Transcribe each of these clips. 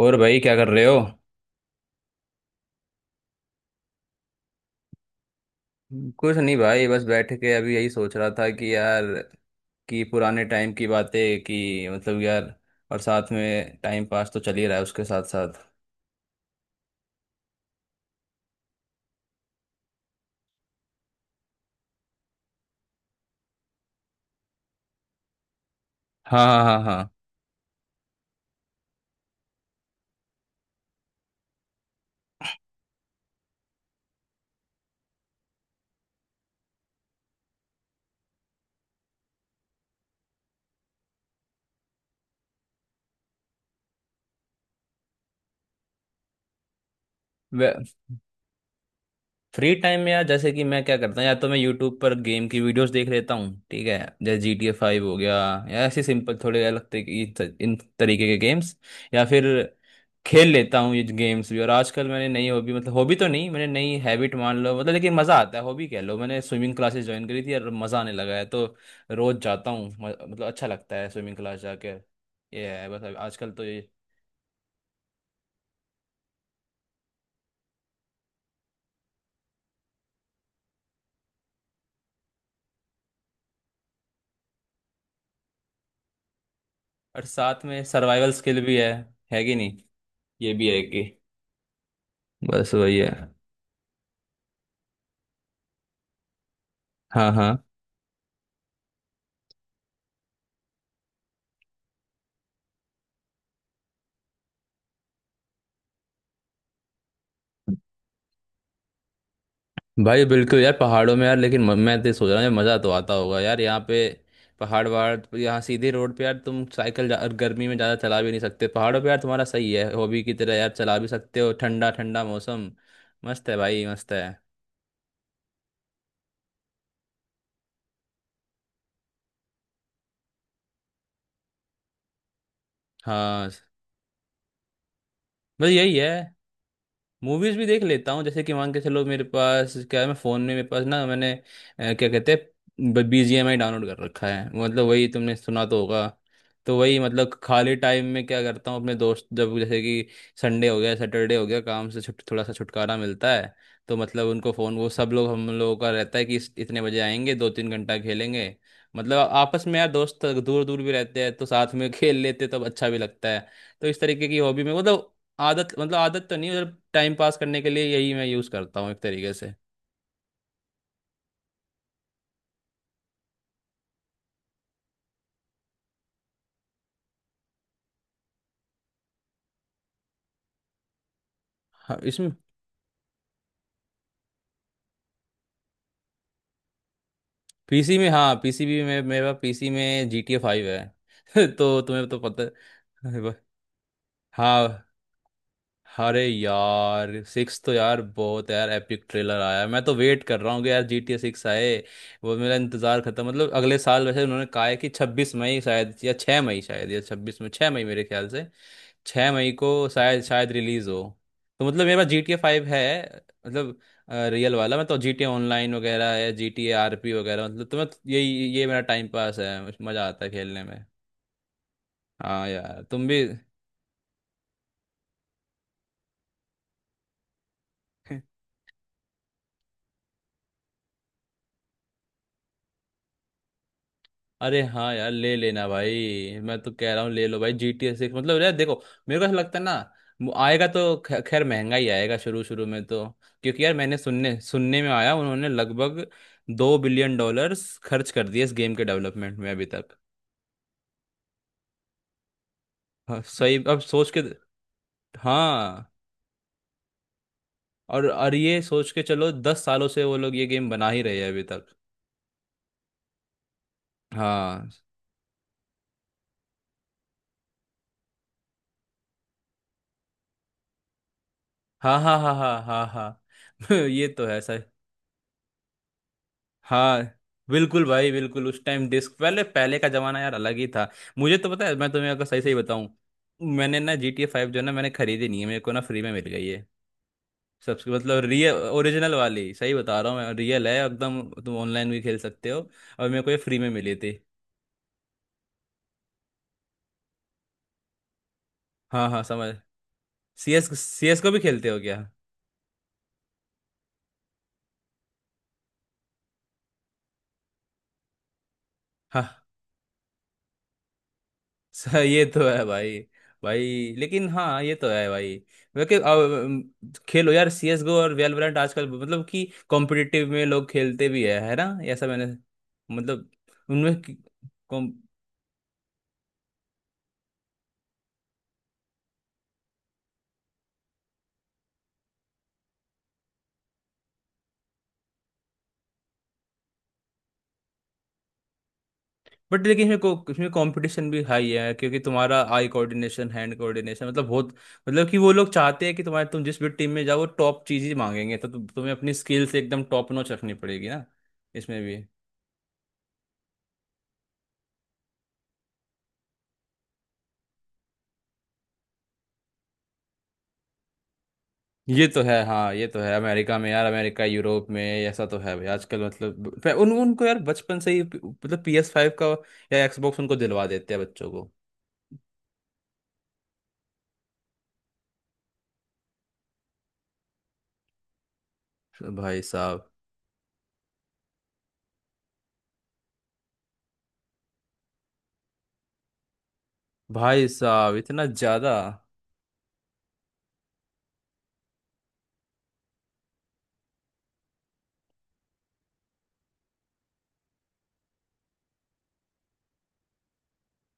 और भाई क्या कर रहे हो? कुछ नहीं भाई, बस बैठ के अभी यही सोच रहा था कि यार, कि पुराने टाइम की बातें, कि मतलब यार, और साथ में टाइम पास तो चल ही रहा है उसके साथ साथ। हाँ हाँ हाँ हाँ। वे- फ्री टाइम में यार, जैसे कि मैं क्या करता हूँ, या तो मैं यूट्यूब पर गेम की वीडियोस देख लेता हूँ, ठीक है, जैसे GTA 5 हो गया, या ऐसे सिंपल थोड़े अलग तरीके इन तरीके के गेम्स, या फिर खेल लेता हूँ ये गेम्स भी। और आजकल मैंने नई हॉबी, मतलब हॉबी तो नहीं, मैंने नई हैबिट मान लो, मतलब लेकिन मज़ा आता है, हॉबी कह लो, मैंने स्विमिंग क्लासेस ज्वाइन करी थी और मज़ा आने लगा है। तो रोज़ जाता हूँ, मतलब अच्छा लगता है स्विमिंग क्लास जाके। ये है बस आजकल तो ये। और साथ में सर्वाइवल स्किल भी है कि नहीं? ये भी है कि बस वही है। हाँ। हाँ भाई बिल्कुल यार, पहाड़ों में यार, लेकिन मैं तो सोच रहा हूँ यार, मज़ा तो आता होगा यार यहाँ पे। पहाड़ वहाड़ तो यहाँ, सीधे रोड पे यार तुम साइकिल गर्मी में ज़्यादा चला भी नहीं सकते। पहाड़ों पे यार तुम्हारा सही है, हॉबी की तरह यार चला भी सकते हो, ठंडा ठंडा मौसम। मस्त है भाई, मस्त है। हाँ, बस यही है। मूवीज भी देख लेता हूँ। जैसे कि मान के चलो, मेरे पास क्या है, मैं फोन में, मेरे पास ना, मैंने क्या कहते हैं, BGMI डाउनलोड कर रखा है, मतलब वही तुमने सुना तो होगा। तो वही, मतलब खाली टाइम में क्या करता हूँ, अपने दोस्त जब जैसे कि संडे हो गया, सैटरडे हो गया, काम से छुट, थोड़ा सा छुटकारा मिलता है, तो मतलब उनको फ़ोन, वो सब लोग हम लोगों का रहता है कि इतने बजे आएंगे, 2-3 घंटा खेलेंगे। मतलब आपस में यार, दोस्त दूर दूर भी रहते हैं तो साथ में खेल लेते, तो अच्छा भी लगता है। तो इस तरीके की हॉबी में, मतलब आदत, मतलब आदत तो नहीं, मतलब टाइम पास करने के लिए यही मैं यूज़ करता हूँ, एक तरीके से। हाँ, इसमें। पीसी में, हाँ पीसी भी में, मेरा पीसी में GTA 5 है तो तुम्हें तो पता है। अरे। हाँ। अरे यार सिक्स तो यार बहुत है यार, एपिक ट्रेलर आया, मैं तो वेट कर रहा हूँ कि यार GTA 6 आए। वो मेरा इंतजार खत्म। मतलब अगले साल, वैसे उन्होंने कहा है कि 26 मई शायद, या 6 मई शायद, या 26 में, 6 मई मेरे ख्याल से। 6 मई को शायद शायद रिलीज हो। तो मतलब मेरे पास GTA 5 है। मतलब रियल वाला। मैं तो, GTA ऑनलाइन वगैरह है, GTA RP वगैरह, मतलब तो मैं तो यही, ये मेरा टाइम पास है, मज़ा आता है खेलने में। हाँ यार तुम भी अरे हाँ यार, ले लेना भाई, मैं तो कह रहा हूँ ले लो भाई GTA 6, मतलब यार देखो, मेरे को ऐसा लगता है ना, वो आएगा तो खैर महंगा ही आएगा शुरू शुरू में तो, क्योंकि यार मैंने सुनने सुनने में आया, उन्होंने लगभग 2 बिलियन डॉलर्स खर्च कर दिए इस गेम के डेवलपमेंट में अभी तक। हाँ सही, अब सोच के। हाँ। और ये सोच के चलो, 10 सालों से वो लोग ये गेम बना ही रहे हैं अभी तक। हाँ हाँ हाँ हाँ हाँ हाँ हाँ ये तो है सर। हाँ। बिल्कुल भाई, बिल्कुल उस टाइम डिस्क, पहले पहले का जमाना यार अलग ही था। मुझे तो पता है, मैं तुम्हें अगर सही सही बताऊं, मैंने ना GTA 5 जो है ना, मैंने खरीदी नहीं है। मेरे को ना फ्री में मिल गई है, सबसे मतलब रियल ओरिजिनल वाली, सही बता रहा हूँ, मैं, रियल है एकदम, तुम ऑनलाइन भी खेल सकते हो। और मेरे को ये फ्री में मिली थी। हाँ हाँ समझ। सीएस, सीएस को भी खेलते हो क्या? हाँ। ये तो है भाई। भाई लेकिन हाँ, ये तो है भाई। क्योंकि अब, खेलो यार CS GO और वैलोरेंट आजकल, मतलब कि कॉम्पिटिटिव में लोग खेलते भी है ना। ऐसा मैंने, मतलब, उनमें, बट लेकिन इसमें को इसमें कंपटीशन भी हाई है, क्योंकि तुम्हारा आई कोऑर्डिनेशन, हैंड कोऑर्डिनेशन, मतलब बहुत। मतलब कि वो लोग चाहते हैं कि तुम्हारे, तुम जिस भी टीम में जाओ, वो टॉप चीज़ ही मांगेंगे, तो तुम्हें अपनी स्किल्स एकदम टॉप नॉच रखनी पड़ेगी ना, इसमें भी। ये तो है। हाँ, ये तो है। अमेरिका में यार, अमेरिका यूरोप में ऐसा तो है भाई आजकल, मतलब उन उनको यार बचपन से ही मतलब PS5 का या एक्सबॉक्स उनको दिलवा देते हैं बच्चों को। भाई साहब। भाई साहब इतना ज्यादा।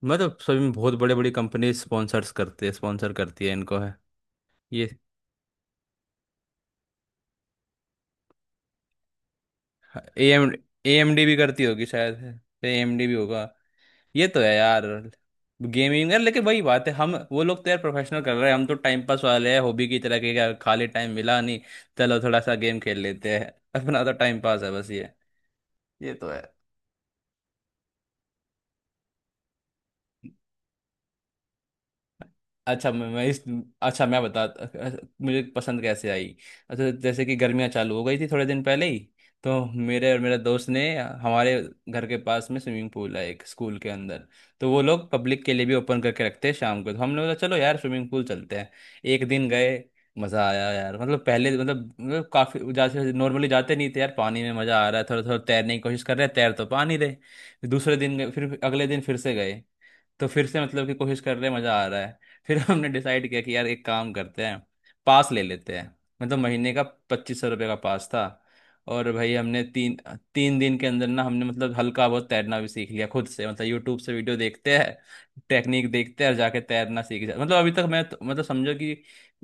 मतलब सभी में बहुत बड़े, बड़ी कंपनी स्पॉन्सर्स करते हैं, स्पॉन्सर करती है इनको, है। ये A M A M D भी करती होगी शायद, है AMD भी होगा। ये तो है यार। गेमिंग यार, लेकिन वही बात है, हम, वो लोग तो यार प्रोफेशनल कर रहे हैं, हम तो टाइम पास वाले हैं, हॉबी की तरह के, क्या खाली टाइम मिला नहीं, चलो थोड़ा सा गेम खेल लेते हैं अपना तो टाइम पास है बस ये। ये तो है। अच्छा, मैं इस, अच्छा मैं बता, मुझे पसंद कैसे आई। अच्छा जैसे कि गर्मियाँ चालू हो गई थी थोड़े दिन पहले ही, तो मेरे और मेरे दोस्त ने, हमारे घर के पास में स्विमिंग पूल है एक, स्कूल के अंदर। तो वो लोग पब्लिक के लिए भी ओपन करके रखते हैं शाम को, तो हमने बोला चलो यार स्विमिंग पूल चलते हैं। एक दिन गए, मज़ा आया यार। मतलब पहले, मतलब मतलब काफ़ी, जैसे नॉर्मली जाते नहीं थे यार, पानी में मज़ा आ रहा है, थोड़ा थोड़ा तैरने की कोशिश कर रहे हैं, तैर तो पा नहीं रहे। दूसरे दिन गए, फिर अगले दिन फिर से गए। तो फिर से मतलब कि कोशिश कर रहे हैं, मज़ा आ रहा है। फिर हमने डिसाइड किया कि यार एक काम करते हैं, पास ले लेते हैं, मतलब महीने का। 2500 रुपये का पास था। और भाई हमने तीन, तीन दिन के अंदर ना हमने मतलब हल्का बहुत तैरना भी सीख लिया खुद से, मतलब यूट्यूब से वीडियो देखते हैं, टेक्निक देखते हैं और जाके तैरना सीख जाते। मतलब अभी तक मैं मतलब समझो कि,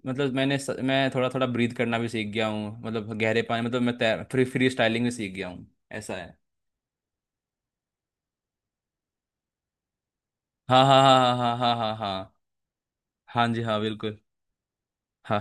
मतलब मैंने मैं थोड़ा थोड़ा ब्रीथ करना भी सीख गया हूँ, मतलब गहरे पानी, मतलब मैं तैर फ्री फ्री स्टाइलिंग भी सीख गया हूँ। ऐसा है। हाँ हाँ हाँ हाँ हाँ हाँ हाँ हाँ। हाँ जी, हाँ, बिल्कुल। हाँ।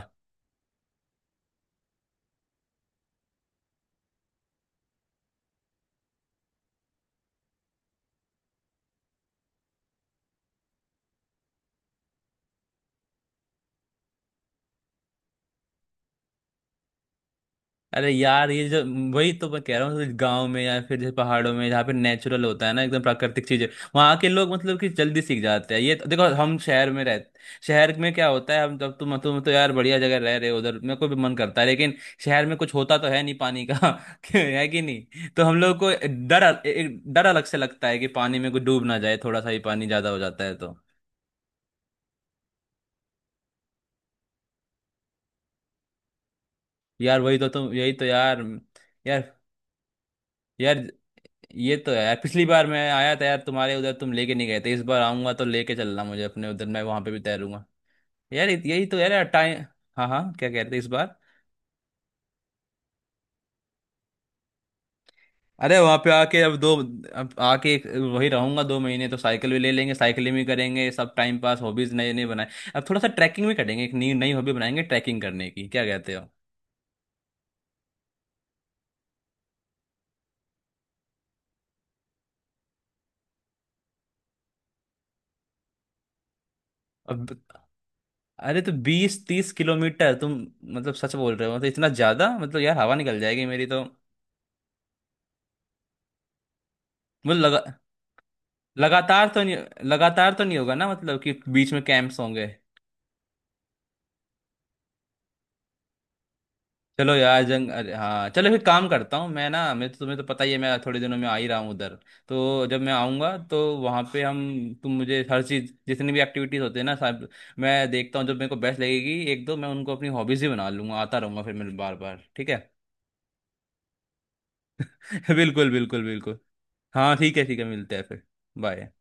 अरे यार ये जो, वही तो मैं कह रहा हूँ, गांव में या फिर जैसे पहाड़ों में जहाँ पे नेचुरल होता है ना, एकदम प्राकृतिक चीजें, वहाँ के लोग मतलब कि जल्दी सीख जाते हैं। ये देखो, हम शहर में रह, शहर में क्या होता है, हम जब, तुम तो यार बढ़िया जगह रह रहे हो उधर, मेरे को भी मन करता है, लेकिन शहर में कुछ होता तो है नहीं पानी का है कि नहीं, तो हम लोग को डर एक डर अलग से लगता है, कि पानी में कोई डूब ना जाए, थोड़ा सा ही पानी ज्यादा हो जाता है तो। यार वही तो तुम, यही तो यार, यार, यार, ये तो है यार। पिछली बार मैं आया था यार तुम्हारे उधर, तुम लेके नहीं गए थे, इस बार आऊंगा तो लेके चलना मुझे अपने उधर, मैं वहां पे भी तैरूंगा यार। यही तो यार टाइम। हाँ हाँ, क्या कहते हैं इस बार? अरे वहां पे आके, अब दो, अब आके वही रहूंगा 2 महीने, तो साइकिल भी ले लेंगे, साइकिलिंग भी करेंगे, सब टाइम पास, हॉबीज नए नए बनाए। अब थोड़ा सा ट्रैकिंग भी करेंगे, एक नई नई हॉबी बनाएंगे ट्रैकिंग करने की, क्या कहते हो? अब, अरे तो 20-30 किलोमीटर तुम, मतलब सच बोल रहे हो तो? इतना ज्यादा मतलब यार, हवा निकल जाएगी मेरी तो। मुझे लगा, लगातार तो नहीं, लगातार तो नहीं होगा ना, मतलब कि बीच में कैंप्स होंगे। चलो यार जंग, अरे हाँ चलो, फिर काम करता हूँ मैं ना, मैं, तो तुम्हें तो पता ही है, मैं थोड़े दिनों में आ ही रहा हूँ उधर, तो जब मैं आऊँगा तो वहाँ पे हम, तुम मुझे हर चीज़ जितनी भी एक्टिविटीज़ होती है ना सब मैं देखता हूँ, जब मेरे को बेस्ट लगेगी एक दो, मैं उनको अपनी हॉबीज़ ही बना लूँगा, आता रहूँगा फिर मैं बार बार, ठीक है। बिल्कुल बिल्कुल बिल्कुल। हाँ ठीक है, ठीक है, मिलते हैं फिर। बाय।